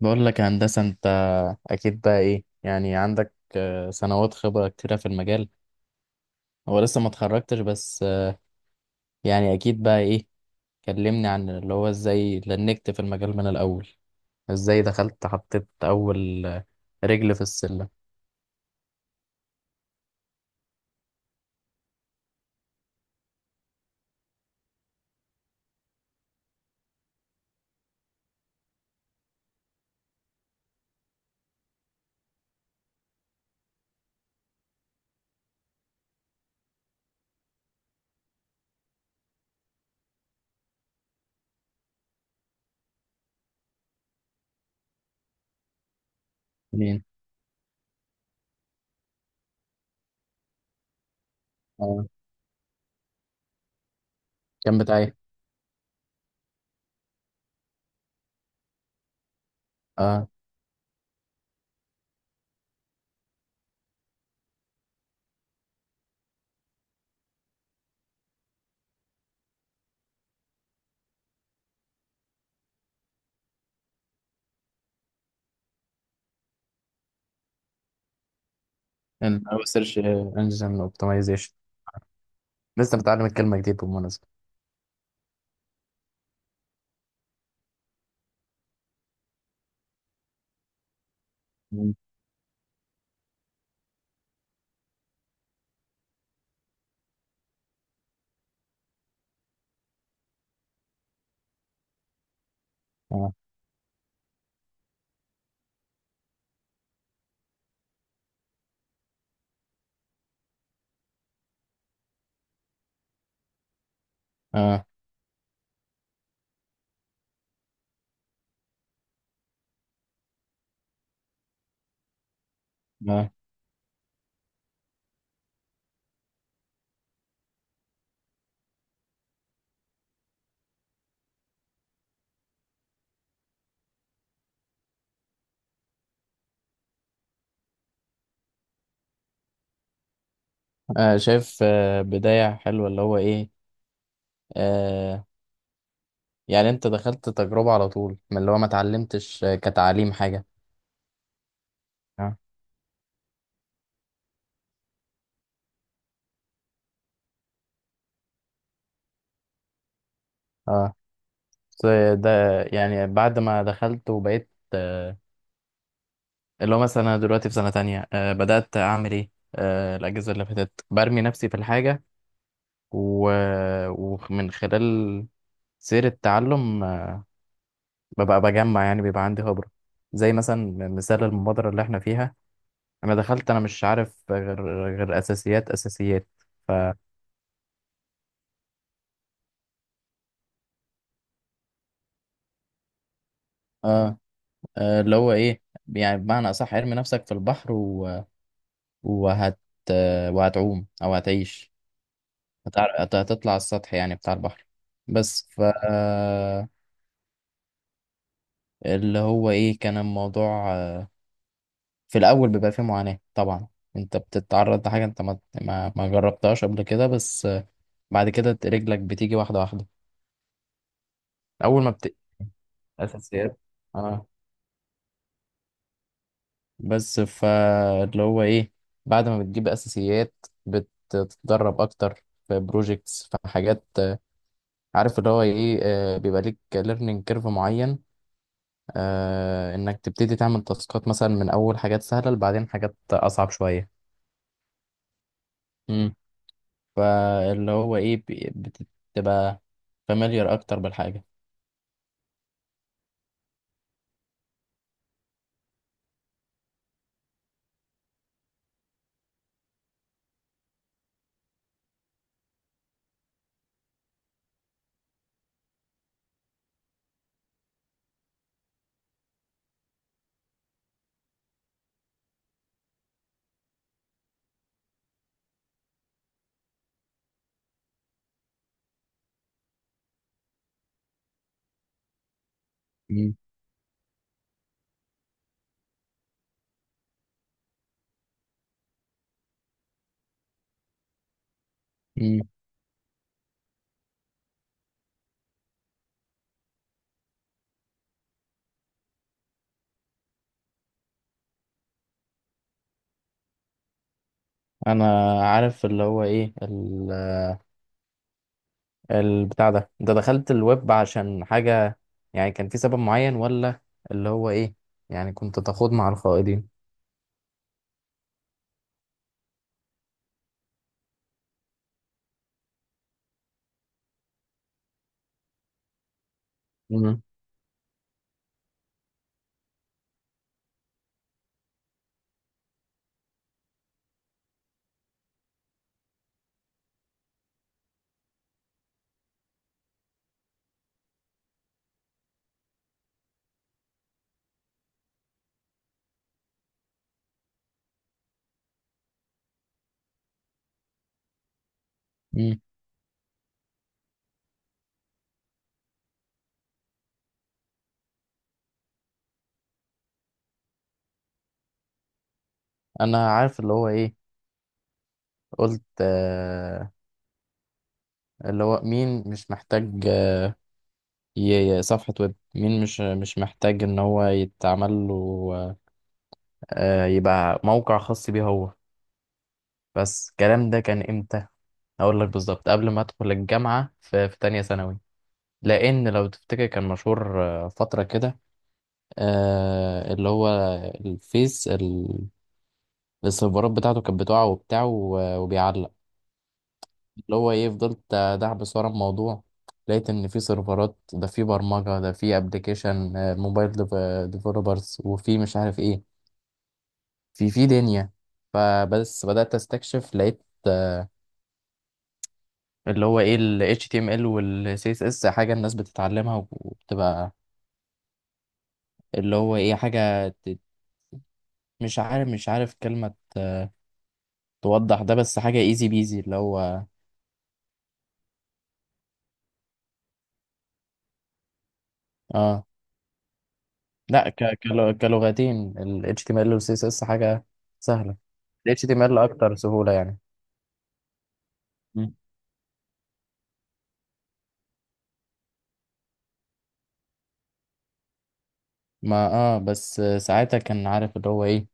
بقول لك يا هندسة. انت اكيد بقى ايه، يعني عندك سنوات خبرة كتيرة في المجال. هو لسه ما اتخرجتش بس يعني اكيد بقى ايه. كلمني عن اللي هو ازاي لنكت في المجال من الاول، ازاي دخلت حطيت اول رجل في السلم. مين؟ اه. كان بتاعي. اه، السيرش انجن اوبتمايزيشن لسه متعلم الكلمة جديد بالمناسبة. مم. اه. اه. اه. شايف بداية حلوة اللي هو ايه. آه، يعني انت دخلت تجربة على طول، من اللي هو ما اتعلمتش كتعليم حاجة. اه. اه بس. ده يعني بعد ما دخلت وبقيت اللي هو مثلا انا دلوقتي في سنة تانية، بدأت اعمل ايه، الاجازة اللي فاتت برمي نفسي في الحاجة و... ومن خلال سير التعلم، ببقى بجمع، يعني بيبقى عندي خبرة زي مثلا مثال المبادرة اللي احنا فيها. انا دخلت انا مش عارف غير، غير اساسيات. ف اللي هو ايه، يعني بمعنى اصح ارمي نفسك في البحر وهت وهتعوم او هتعيش. هتطلع على السطح يعني بتاع البحر. بس ف اللي هو ايه، كان الموضوع في الاول بيبقى فيه معاناة طبعا. انت بتتعرض لحاجة انت ما جربتهاش قبل كده، بس بعد كده رجلك بتيجي واحدة واحدة. اول ما بت اساسيات. اه. بس فاللي هو ايه، بعد ما بتجيب اساسيات بتتدرب اكتر في بروجيكتس، في حاجات عارف اللي هو ايه، بيبقى ليك ليرنينج كيرف معين، انك تبتدي تعمل تاسكات مثلا من اول حاجات سهله لبعدين حاجات اصعب شويه. امم فاللي هو ايه، بتبقى فاميليار اكتر بالحاجه. امم امم. انا عارف اللي هو ايه، البتاع ده انت دخلت الويب عشان حاجة، يعني كان في سبب معين ولا اللي هو ايه؟ يعني كنت تخوض مع الخائضين؟ مم. مم. انا عارف اللي هو ايه. قلت آه اللي هو مين مش محتاج صفحة ويب؟ مين مش محتاج ان هو يتعمل له آه، يبقى موقع خاص بيه هو؟ بس الكلام ده كان امتى؟ اقول لك بالظبط قبل ما ادخل الجامعة، في تانية ثانوي. لان لو تفتكر كان مشهور فترة كده، آه اللي هو الفيس ال- السيرفرات بتاعته كانت بتقع وبتاع وبيعلق. اللي هو ايه فضلت دعبس ورا الموضوع، لقيت ان في سيرفرات، ده في برمجة، ده في ابلكيشن موبايل ديفلوبرز، وفي مش عارف ايه، في في دنيا. فبس بدأت استكشف، لقيت اللي هو ايه ال HTML وال CSS حاجة الناس بتتعلمها وبتبقى اللي هو ايه، مش عارف كلمة توضح ده، بس حاجة ايزي بيزي اللي هو. اه. لا، كلغتين ال HTML وال CSS حاجة سهلة. ال HTML أكتر سهولة يعني. مم. ما اه بس ساعتها كان عارف اللي هو ايه،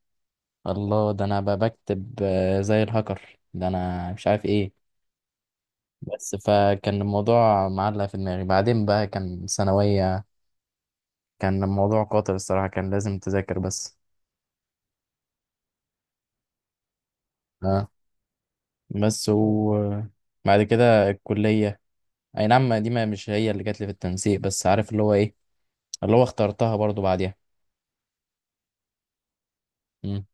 الله ده انا بقى بكتب زي الهاكر ده انا مش عارف ايه. بس فكان الموضوع معلق في دماغي. بعدين بقى كان ثانوية، كان الموضوع قاتل الصراحة، كان لازم تذاكر بس. اه، بس وبعد كده الكلية. اي نعم، دي ما مش هي اللي جات لي في التنسيق، بس عارف اللي هو ايه، اللي هو اخترتها برضو بعديها. مم.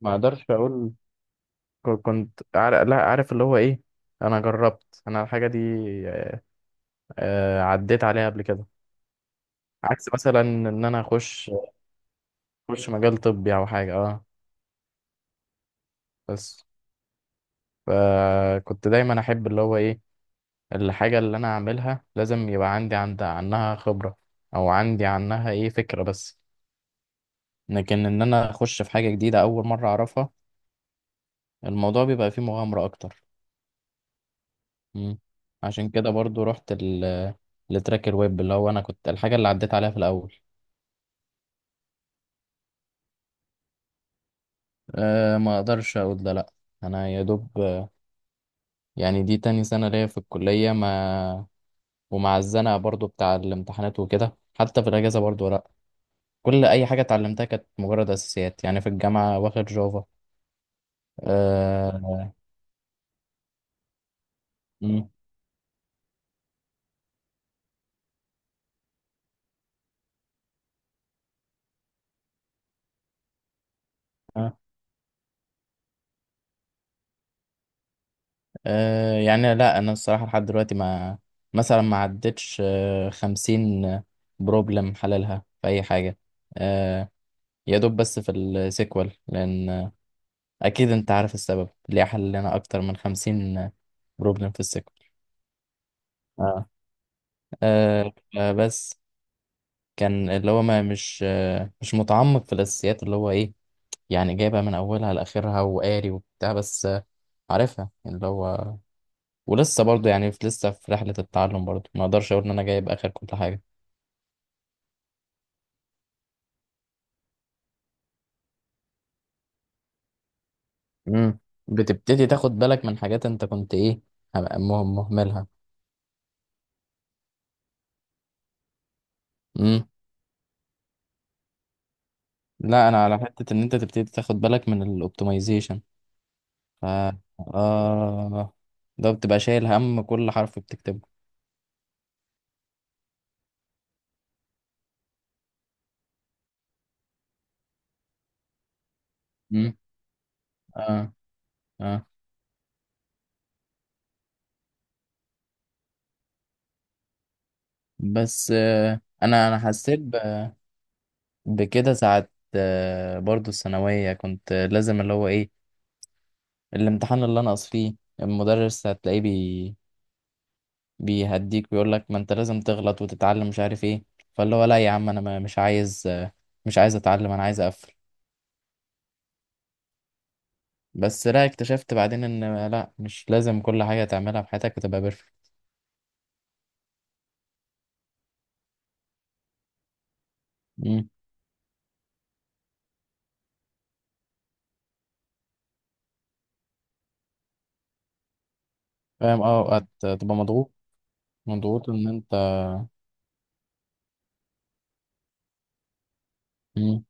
ما اقدرش اقول كنت عارف، لا، عارف اللي هو ايه، انا جربت انا الحاجه دي، عديت عليها قبل كده. عكس مثلا ان انا اخش، اخش مجال طبي او حاجه اه. بس فكنت دايما احب اللي هو ايه، الحاجه اللي انا اعملها لازم يبقى عندي عند عنها خبره، او عندي عنها ايه فكره بس. لكن ان انا اخش في حاجه جديده اول مره اعرفها، الموضوع بيبقى فيه مغامره اكتر. مم. عشان كده برضو رحت لتراك الويب، اللي هو انا كنت الحاجه اللي عديت عليها في الاول. أه ما اقدرش اقول ده، لا. انا يا دوب يعني دي تاني سنه ليا في الكليه، ما ومع الزنقه برضو بتاع الامتحانات وكده، حتى في الاجازه برضو لا، كل اي حاجه اتعلمتها كانت مجرد اساسيات. يعني في الجامعه واخد جافا أه. مم. آه. أه يعني لا انا الصراحه لحد دلوقتي ما، مثلا ما عدتش 50 بروبلم حللها في اي حاجه، آه، يا دوب بس في السيكوال، لان اكيد انت عارف السبب ليه حلنا اكتر من 50 بروبلم في السيكوال. اه, بس كان اللي هو ما مش آه مش متعمق في الاساسيات، اللي هو ايه، يعني جايبها من اولها لاخرها وقاري وبتاع بس آه عارفها اللي هو. ولسه برضو يعني لسه في رحلة التعلم برضو، ما اقدرش اقول ان انا جايب اخر كل حاجة. امم بتبتدي تاخد بالك من حاجات انت كنت ايه، مهملها. لا انا على حته ان انت تبتدي تاخد بالك من الاوبتمايزيشن. ف اه، ده بتبقى شايل هم كل حرف بتكتبه. مم. اه. اه بس انا حسيت ب- بكده ساعه، برضو الثانويه كنت لازم اللي هو ايه، الامتحان اللي انا اقص فيه المدرس هتلاقيه بي بيهديك، ويقول لك ما انت لازم تغلط وتتعلم مش عارف ايه. فاللي هو لا يا عم انا مش عايز مش عايز اتعلم انا عايز اقفل. بس لا، اكتشفت بعدين ان لا، مش لازم كل حاجة تعملها في حياتك تبقى بيرفكت. مم. فاهم. اه هتبقى مضغوط. مضغوط ان انت. مم.